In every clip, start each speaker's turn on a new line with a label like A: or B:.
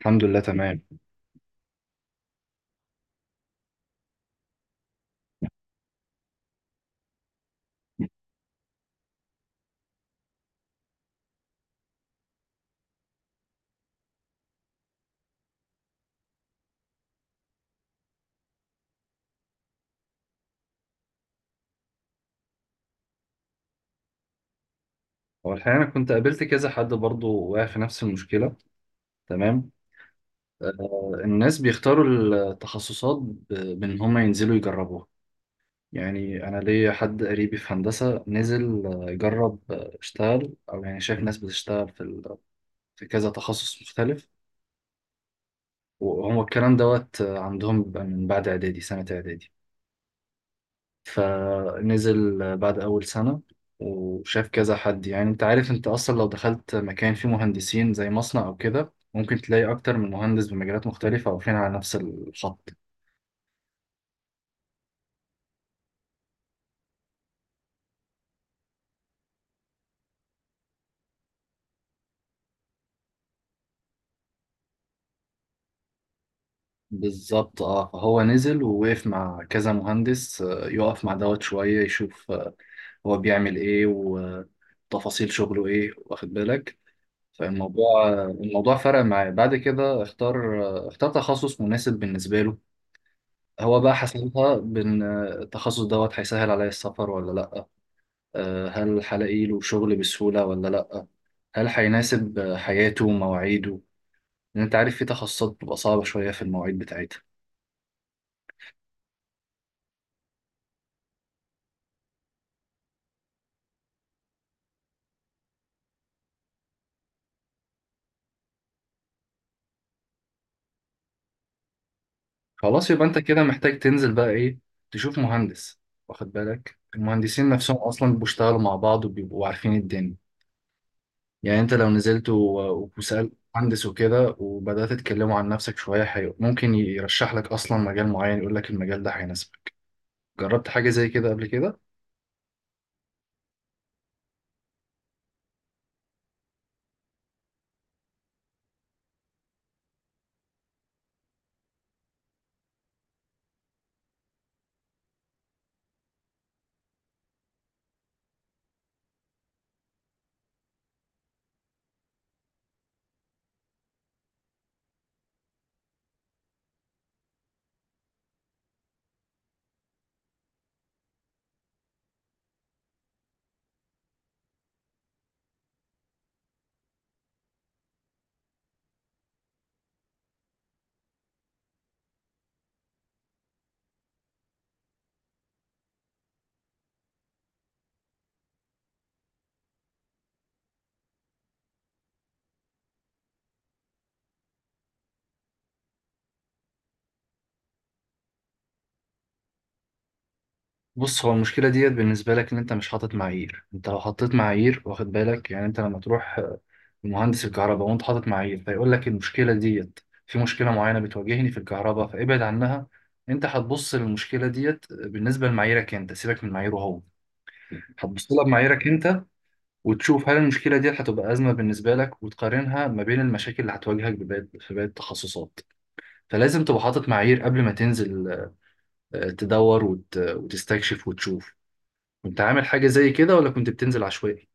A: الحمد لله تمام. هو الحقيقة أنا كنت قابلت كذا حد برضه واقع في نفس المشكلة. تمام. الناس بيختاروا التخصصات بإن هم ينزلوا يجربوها. يعني أنا ليا حد قريبي في هندسة نزل، يجرب، اشتغل أو يعني شايف ناس بتشتغل في كذا تخصص مختلف. وهو الكلام دوت، عندهم بيبقى من بعد إعدادي سنة إعدادي. فنزل بعد أول سنة وشاف كذا حد. يعني أنت عارف، أنت أصلا لو دخلت مكان فيه مهندسين زي مصنع أو كده ممكن تلاقي أكتر من مهندس بمجالات مختلفة واقفين على نفس الخط. بالظبط. اه، فهو نزل ووقف مع كذا مهندس، يقف مع دوت شوية يشوف، هو بيعمل ايه وتفاصيل شغله ايه، واخد بالك. فالموضوع، آه، الموضوع فرق معاه. بعد كده اختار، اختار تخصص مناسب بالنسبة له. هو بقى حسبها بان التخصص دوت هيسهل عليا السفر ولا لا، هل هلاقي له شغل بسهولة ولا لا، هل هيناسب حياته ومواعيده؟ لان انت عارف في تخصصات بتبقى صعبة شوية في المواعيد بتاعتها. خلاص يبقى انت كده محتاج تنزل بقى ايه، تشوف مهندس. واخد بالك، المهندسين نفسهم اصلا بيشتغلوا مع بعض وبيبقوا عارفين الدنيا. يعني انت لو نزلت وسألت مهندس وكده وبدأت تتكلموا عن نفسك شوية حلو، ممكن يرشح لك اصلا مجال معين، يقول لك المجال ده هيناسبك. جربت حاجة زي كده قبل كده؟ بص، هو المشكلة ديت بالنسبة لك ان انت مش حاطط معايير. انت لو حطيت معايير، واخد بالك، يعني انت لما تروح لمهندس الكهرباء وانت حاطط معايير، فيقول لك المشكلة ديت، في مشكلة معينة بتواجهني في الكهرباء فابعد عنها، انت هتبص للمشكلة ديت بالنسبة لمعاييرك انت. سيبك من معاييره هو، هتبص لها بمعاييرك انت، وتشوف هل المشكلة ديت هتبقى أزمة بالنسبة لك، وتقارنها ما بين المشاكل اللي هتواجهك في باقي التخصصات. فلازم تبقى حاطط معايير قبل ما تنزل، تدور وتستكشف وتشوف. كنت عامل حاجة زي كده ولا كنت بتنزل عشوائي؟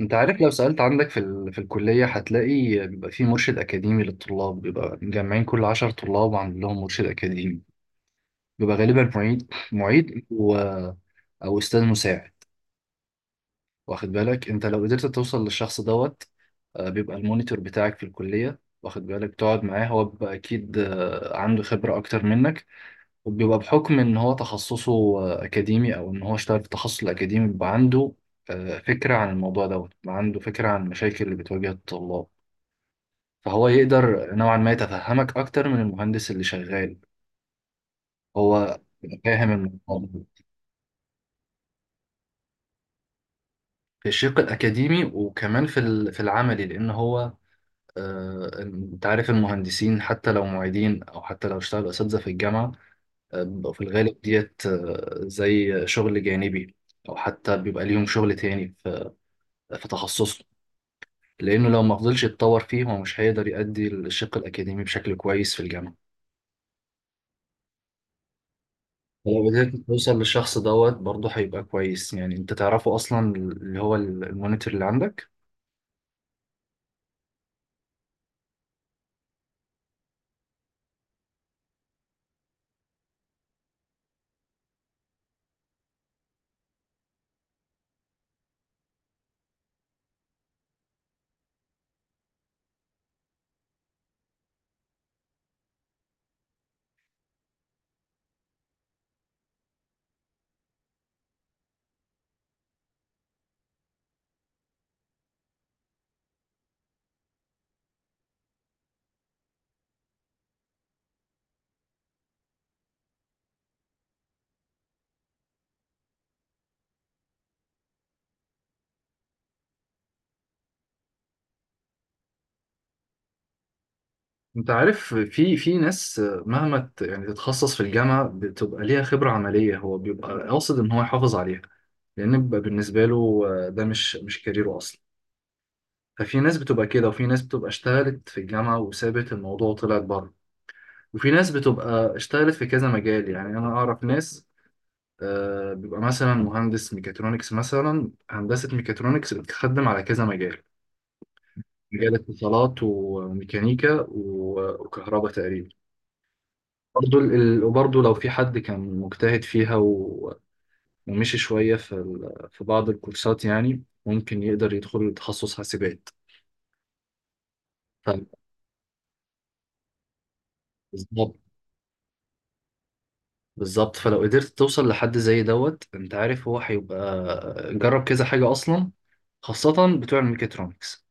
A: انت عارف، لو سألت عندك في الكلية هتلاقي بيبقى في مرشد أكاديمي للطلاب، بيبقى مجمعين كل عشر طلاب وعامل لهم مرشد أكاديمي. بيبقى غالبا معيد معيد أو أستاذ مساعد. واخد بالك، انت لو قدرت توصل للشخص دوت، بيبقى المونيتور بتاعك في الكلية. واخد بالك، تقعد معاه، هو بيبقى أكيد عنده خبرة أكتر منك، وبيبقى بحكم ان هو تخصصه اكاديمي او ان هو اشتغل في التخصص الاكاديمي، بيبقى عنده فكرة عن الموضوع دوت، بيبقى عنده فكرة عن المشاكل اللي بتواجه الطلاب. فهو يقدر نوعا ما يتفهمك اكتر من المهندس اللي شغال، هو بيبقى فاهم الموضوع. في الشق الاكاديمي وكمان في العملي، لان هو، انت عارف المهندسين حتى لو معيدين او حتى لو اشتغلوا اساتذه في الجامعه، بيبقوا في الغالب ديت زي شغل جانبي، او حتى بيبقى ليهم شغل تاني في تخصصه. لأنه لو ما فضلش يتطور فيه هو مش هيقدر يأدي الشق الأكاديمي بشكل كويس في الجامعة. ولو قدرت توصل للشخص دوت برضه هيبقى كويس، يعني أنت تعرفه أصلا، اللي هو المونيتور اللي عندك. انت عارف، في ناس مهما يعني تتخصص في الجامعه بتبقى ليها خبره عمليه، هو بيبقى قاصد ان هو يحافظ عليها، لان بيبقى بالنسبه له ده مش كاريره اصلا. ففي ناس بتبقى كده، وفي ناس بتبقى اشتغلت في الجامعه وسابت الموضوع وطلعت بره، وفي ناس بتبقى اشتغلت في كذا مجال. يعني انا اعرف ناس، بيبقى مثلا مهندس ميكاترونكس. مثلا هندسة ميكاترونكس بتخدم على كذا مجال، مجال اتصالات وميكانيكا وكهرباء تقريبا. برضو وبرضو لو في حد كان مجتهد فيها ومشي شوية في بعض الكورسات، يعني ممكن يقدر يدخل تخصص حاسبات. ف- بالظبط. فلو قدرت توصل لحد زي دوت، انت عارف هو هيبقى جرب كذا حاجة اصلا، خاصة بتوع الميكاترونكس.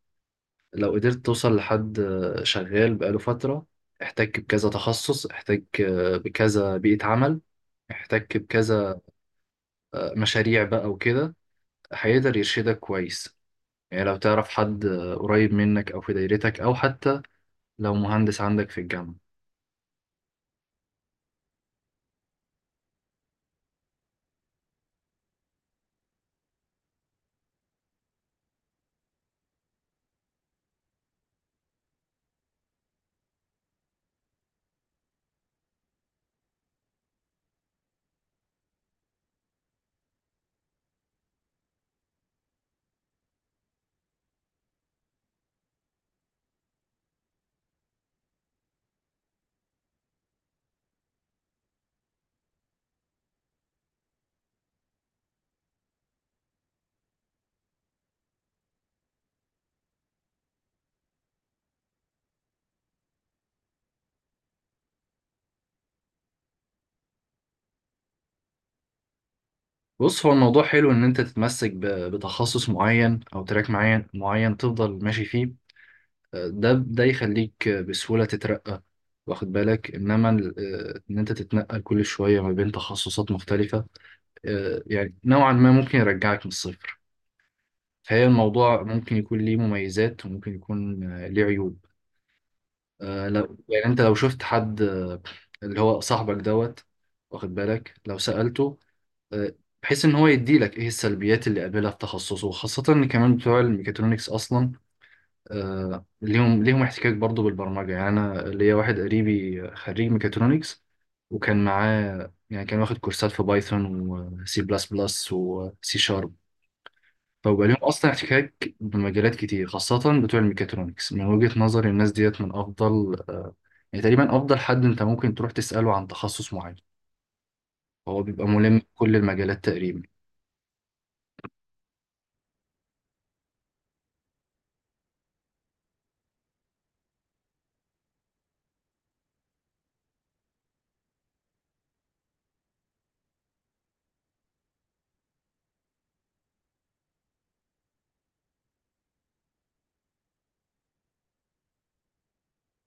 A: لو قدرت توصل لحد شغال بقاله فترة، احتك بكذا تخصص، احتك بكذا بيئة عمل، احتك بكذا مشاريع بقى وكده، هيقدر يرشدك كويس. يعني لو تعرف حد قريب منك او في دايرتك، او حتى لو مهندس عندك في الجامعة. بص، هو الموضوع حلو ان انت تتمسك بتخصص معين او تراك معين معين تفضل ماشي فيه، ده يخليك بسهولة تترقى. واخد بالك انما ان انت تتنقل كل شوية ما بين تخصصات مختلفة، يعني نوعا ما ممكن يرجعك من الصفر. فهي الموضوع ممكن يكون ليه مميزات وممكن يكون ليه عيوب. لو يعني انت لو شفت حد، اللي هو صاحبك دوت، واخد بالك لو سألته آه، بحيث ان هو يديلك ايه السلبيات اللي قابلها في تخصصه. خاصة ان كمان بتوع الميكاترونكس اصلا ليهم احتكاك برضو بالبرمجة. يعني أنا ليا واحد قريبي خريج ميكاترونكس، وكان معاه يعني كان واخد كورسات في بايثون وسي بلس بلس وسي شارب. فبقى ليهم أصلا احتكاك بمجالات كتير، خاصة بتوع الميكاترونكس. من وجهة نظري الناس ديت من أفضل، يعني تقريبا أفضل حد أنت ممكن تروح تسأله عن تخصص معين. هو بيبقى ملم بكل المجالات تقريبا.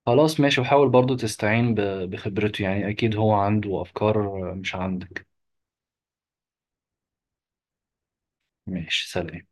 A: خلاص، ماشي. وحاول برضو تستعين بخبرته، يعني أكيد هو عنده أفكار مش عندك. ماشي، سلام.